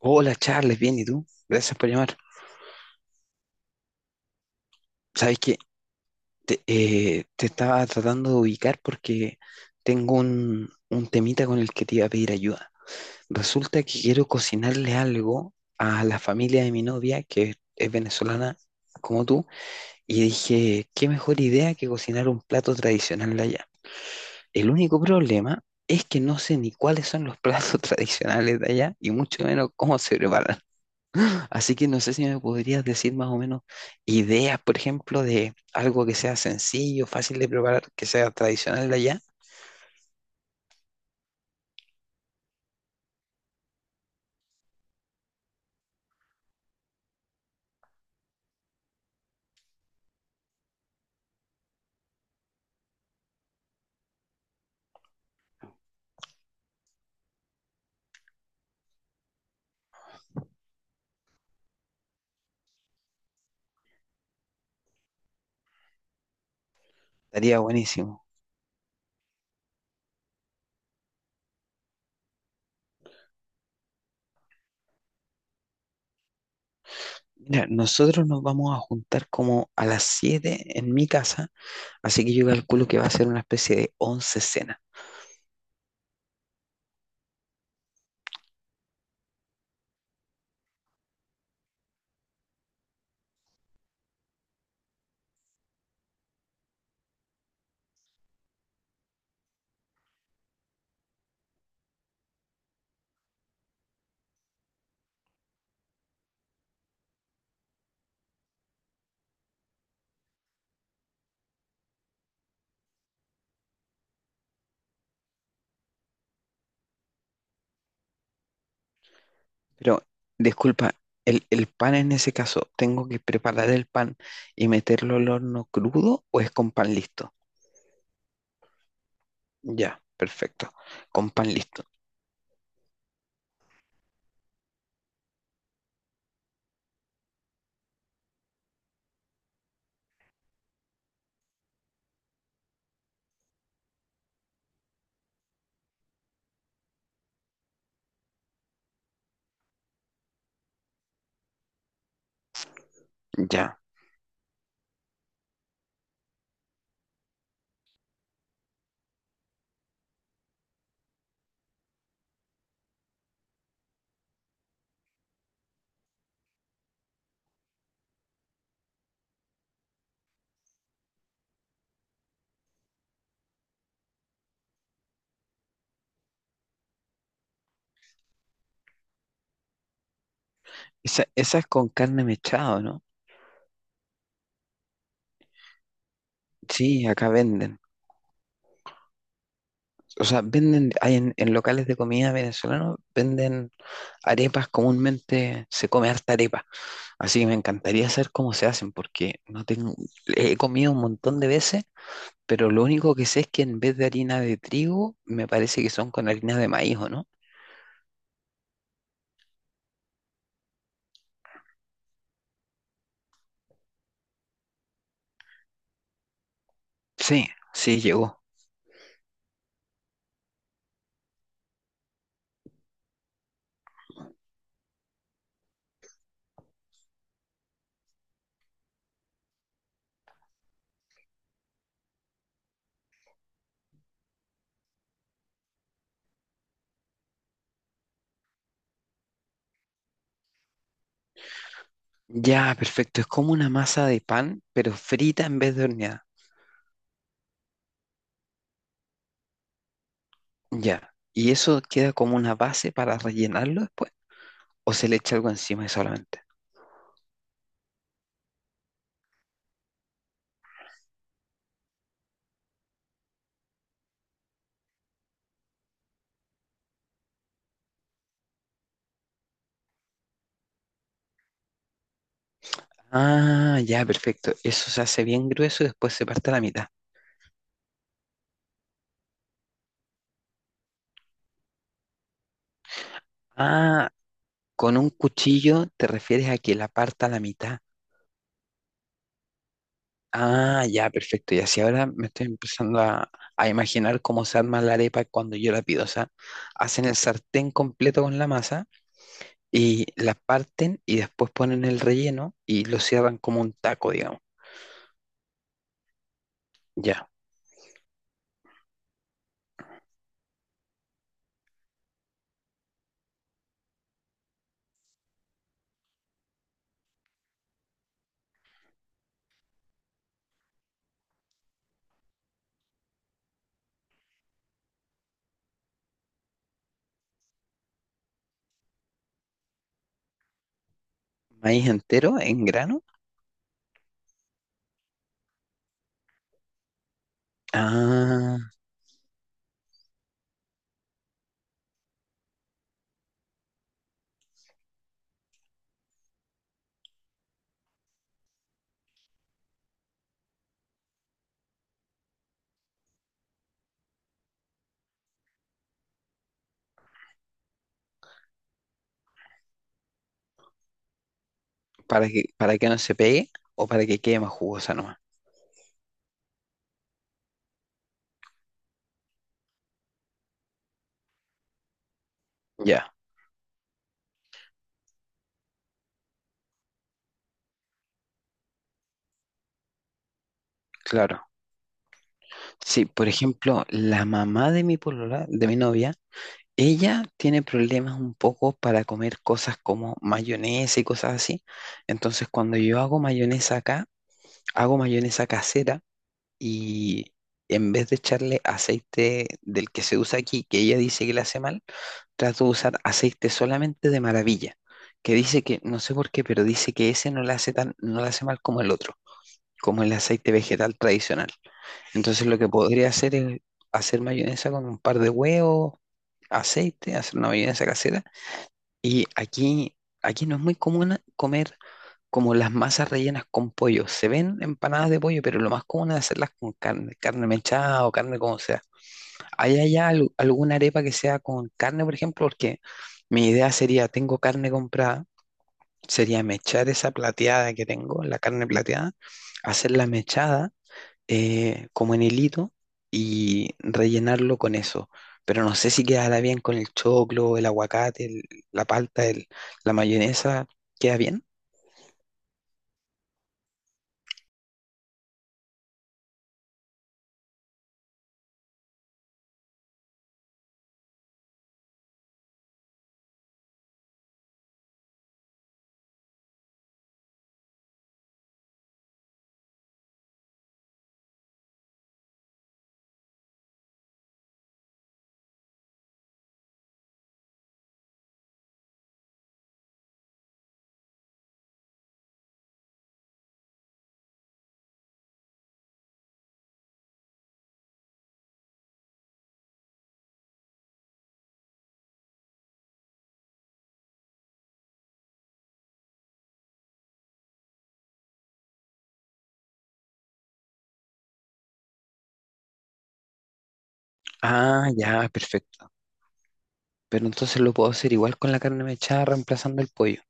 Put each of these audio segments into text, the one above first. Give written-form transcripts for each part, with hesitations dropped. Hola Charles, bien, ¿y tú? Gracias por llamar. Sabes que te estaba tratando de ubicar porque tengo un temita con el que te iba a pedir ayuda. Resulta que quiero cocinarle algo a la familia de mi novia, que es venezolana como tú, y dije, qué mejor idea que cocinar un plato tradicional de allá. El único problema es que no sé ni cuáles son los platos tradicionales de allá y mucho menos cómo se preparan. Así que no sé si me podrías decir más o menos ideas, por ejemplo, de algo que sea sencillo, fácil de preparar, que sea tradicional de allá. Estaría buenísimo. Mira, nosotros nos vamos a juntar como a las 7 en mi casa, así que yo calculo que va a ser una especie de once cena. Pero, disculpa, el pan en ese caso, ¿tengo que preparar el pan y meterlo al horno crudo o es con pan listo? Ya, perfecto. Con pan listo. Ya. Esa es con carne mechada, ¿no? Sí, acá venden. O sea, venden, hay en locales de comida venezolano, venden arepas, comúnmente se come harta arepa. Así que me encantaría saber cómo se hacen, porque no tengo, he comido un montón de veces, pero lo único que sé es que en vez de harina de trigo, me parece que son con harina de maíz, ¿o no? Sí, sí, llegó. Ya, perfecto. Es como una masa de pan, pero frita en vez de horneada. Ya. ¿Y eso queda como una base para rellenarlo después? ¿O se le echa algo encima solamente? Ah, ya, perfecto. Eso se hace bien grueso y después se parte a la mitad. Ah, con un cuchillo te refieres a que la parta a la mitad. Ah, ya, perfecto. Y así ahora me estoy empezando a imaginar cómo se arma la arepa cuando yo la pido. O sea, hacen el sartén completo con la masa y la parten y después ponen el relleno y lo cierran como un taco, digamos. Ya. Maíz entero en grano. Ah, para que no se pegue o para que quede más jugosa nomás. Ya, claro. Sí, por ejemplo, la mamá de mi polola, de mi novia, ella tiene problemas un poco para comer cosas como mayonesa y cosas así. Entonces, cuando yo hago mayonesa acá, hago mayonesa casera y en vez de echarle aceite del que se usa aquí, que ella dice que le hace mal, trato de usar aceite solamente de maravilla, que dice que, no sé por qué, pero dice que ese no le hace tan, no le hace mal como el otro, como el aceite vegetal tradicional. Entonces lo que podría hacer es hacer mayonesa con un par de huevos, aceite, hacer una mayonesa casera. Y aquí no es muy común comer como las masas rellenas con pollo. Se ven empanadas de pollo, pero lo más común es hacerlas con carne, carne mechada o carne como sea. ¿Hay allá alguna arepa que sea con carne, por ejemplo? Porque mi idea sería, tengo carne comprada, sería mechar esa plateada que tengo, la carne plateada, hacerla mechada como en hilito y rellenarlo con eso. Pero no sé si quedará bien con el choclo, el aguacate, la palta, la mayonesa. ¿Queda bien? Ah, ya, perfecto. Pero entonces lo puedo hacer igual con la carne mechada, reemplazando el pollo.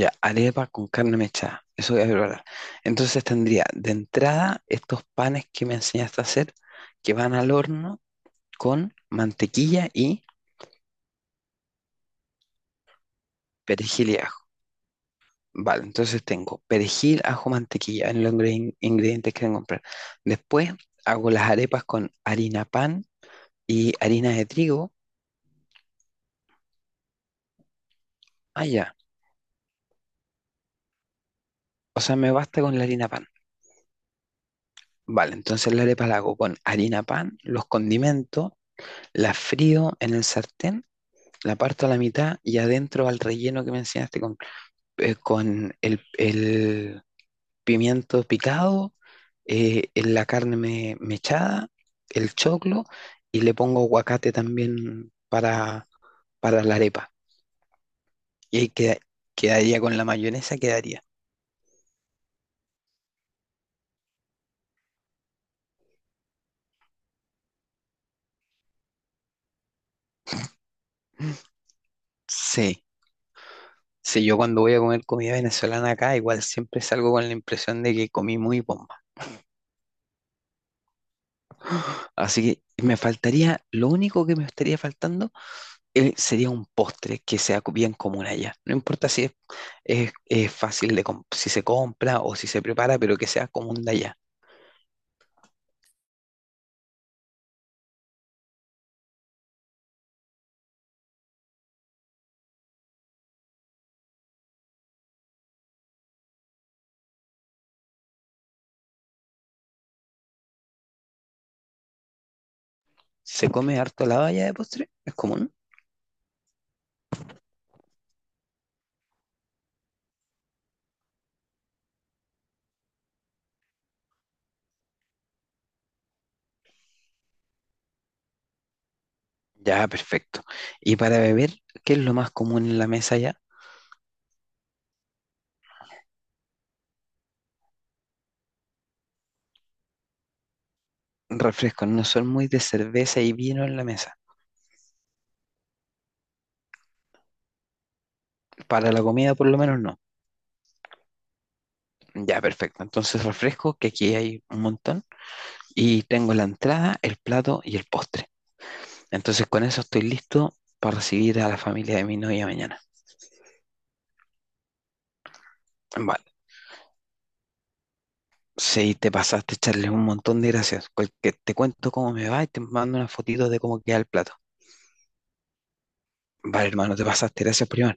Ya, arepa con carne mechada. Eso voy a preparar. Entonces tendría de entrada estos panes que me enseñaste a hacer, que van al horno con mantequilla y perejil y ajo. Vale, entonces tengo perejil, ajo, mantequilla en los ingredientes que tengo que comprar. Después hago las arepas con harina pan y harina de trigo. Ah, ya. O sea, me basta con la harina pan. Vale, entonces la arepa la hago con harina pan, los condimentos, la frío en el sartén, la parto a la mitad y adentro al relleno que me enseñaste con el pimiento picado, en la carne mechada, el choclo y le pongo aguacate también para la arepa. Y ahí quedaría con la mayonesa, quedaría. Sí, sí, yo cuando voy a comer comida venezolana acá, igual siempre salgo con la impresión de que comí muy bomba. Así que me faltaría, lo único que me estaría faltando sería un postre que sea bien común allá. No importa si es, es fácil de, si se compra o si se prepara, pero que sea común de allá. ¿Se come harto helado allá de postre? ¿Es común? Ya, perfecto. Y para Sí. beber, ¿qué es lo más común en la mesa allá? Refrescos, no son muy de cerveza y vino en la mesa. Para la comida, por lo menos, no. Ya, perfecto. Entonces, refresco, que aquí hay un montón. Y tengo la entrada, el plato y el postre. Entonces, con eso estoy listo para recibir a la familia de mi novia mañana. Vale. Si te pasaste, echarles un montón de gracias. Te cuento cómo me va y te mando unas fotitos de cómo queda el plato. Vale, hermano, te pasaste. Gracias, primo.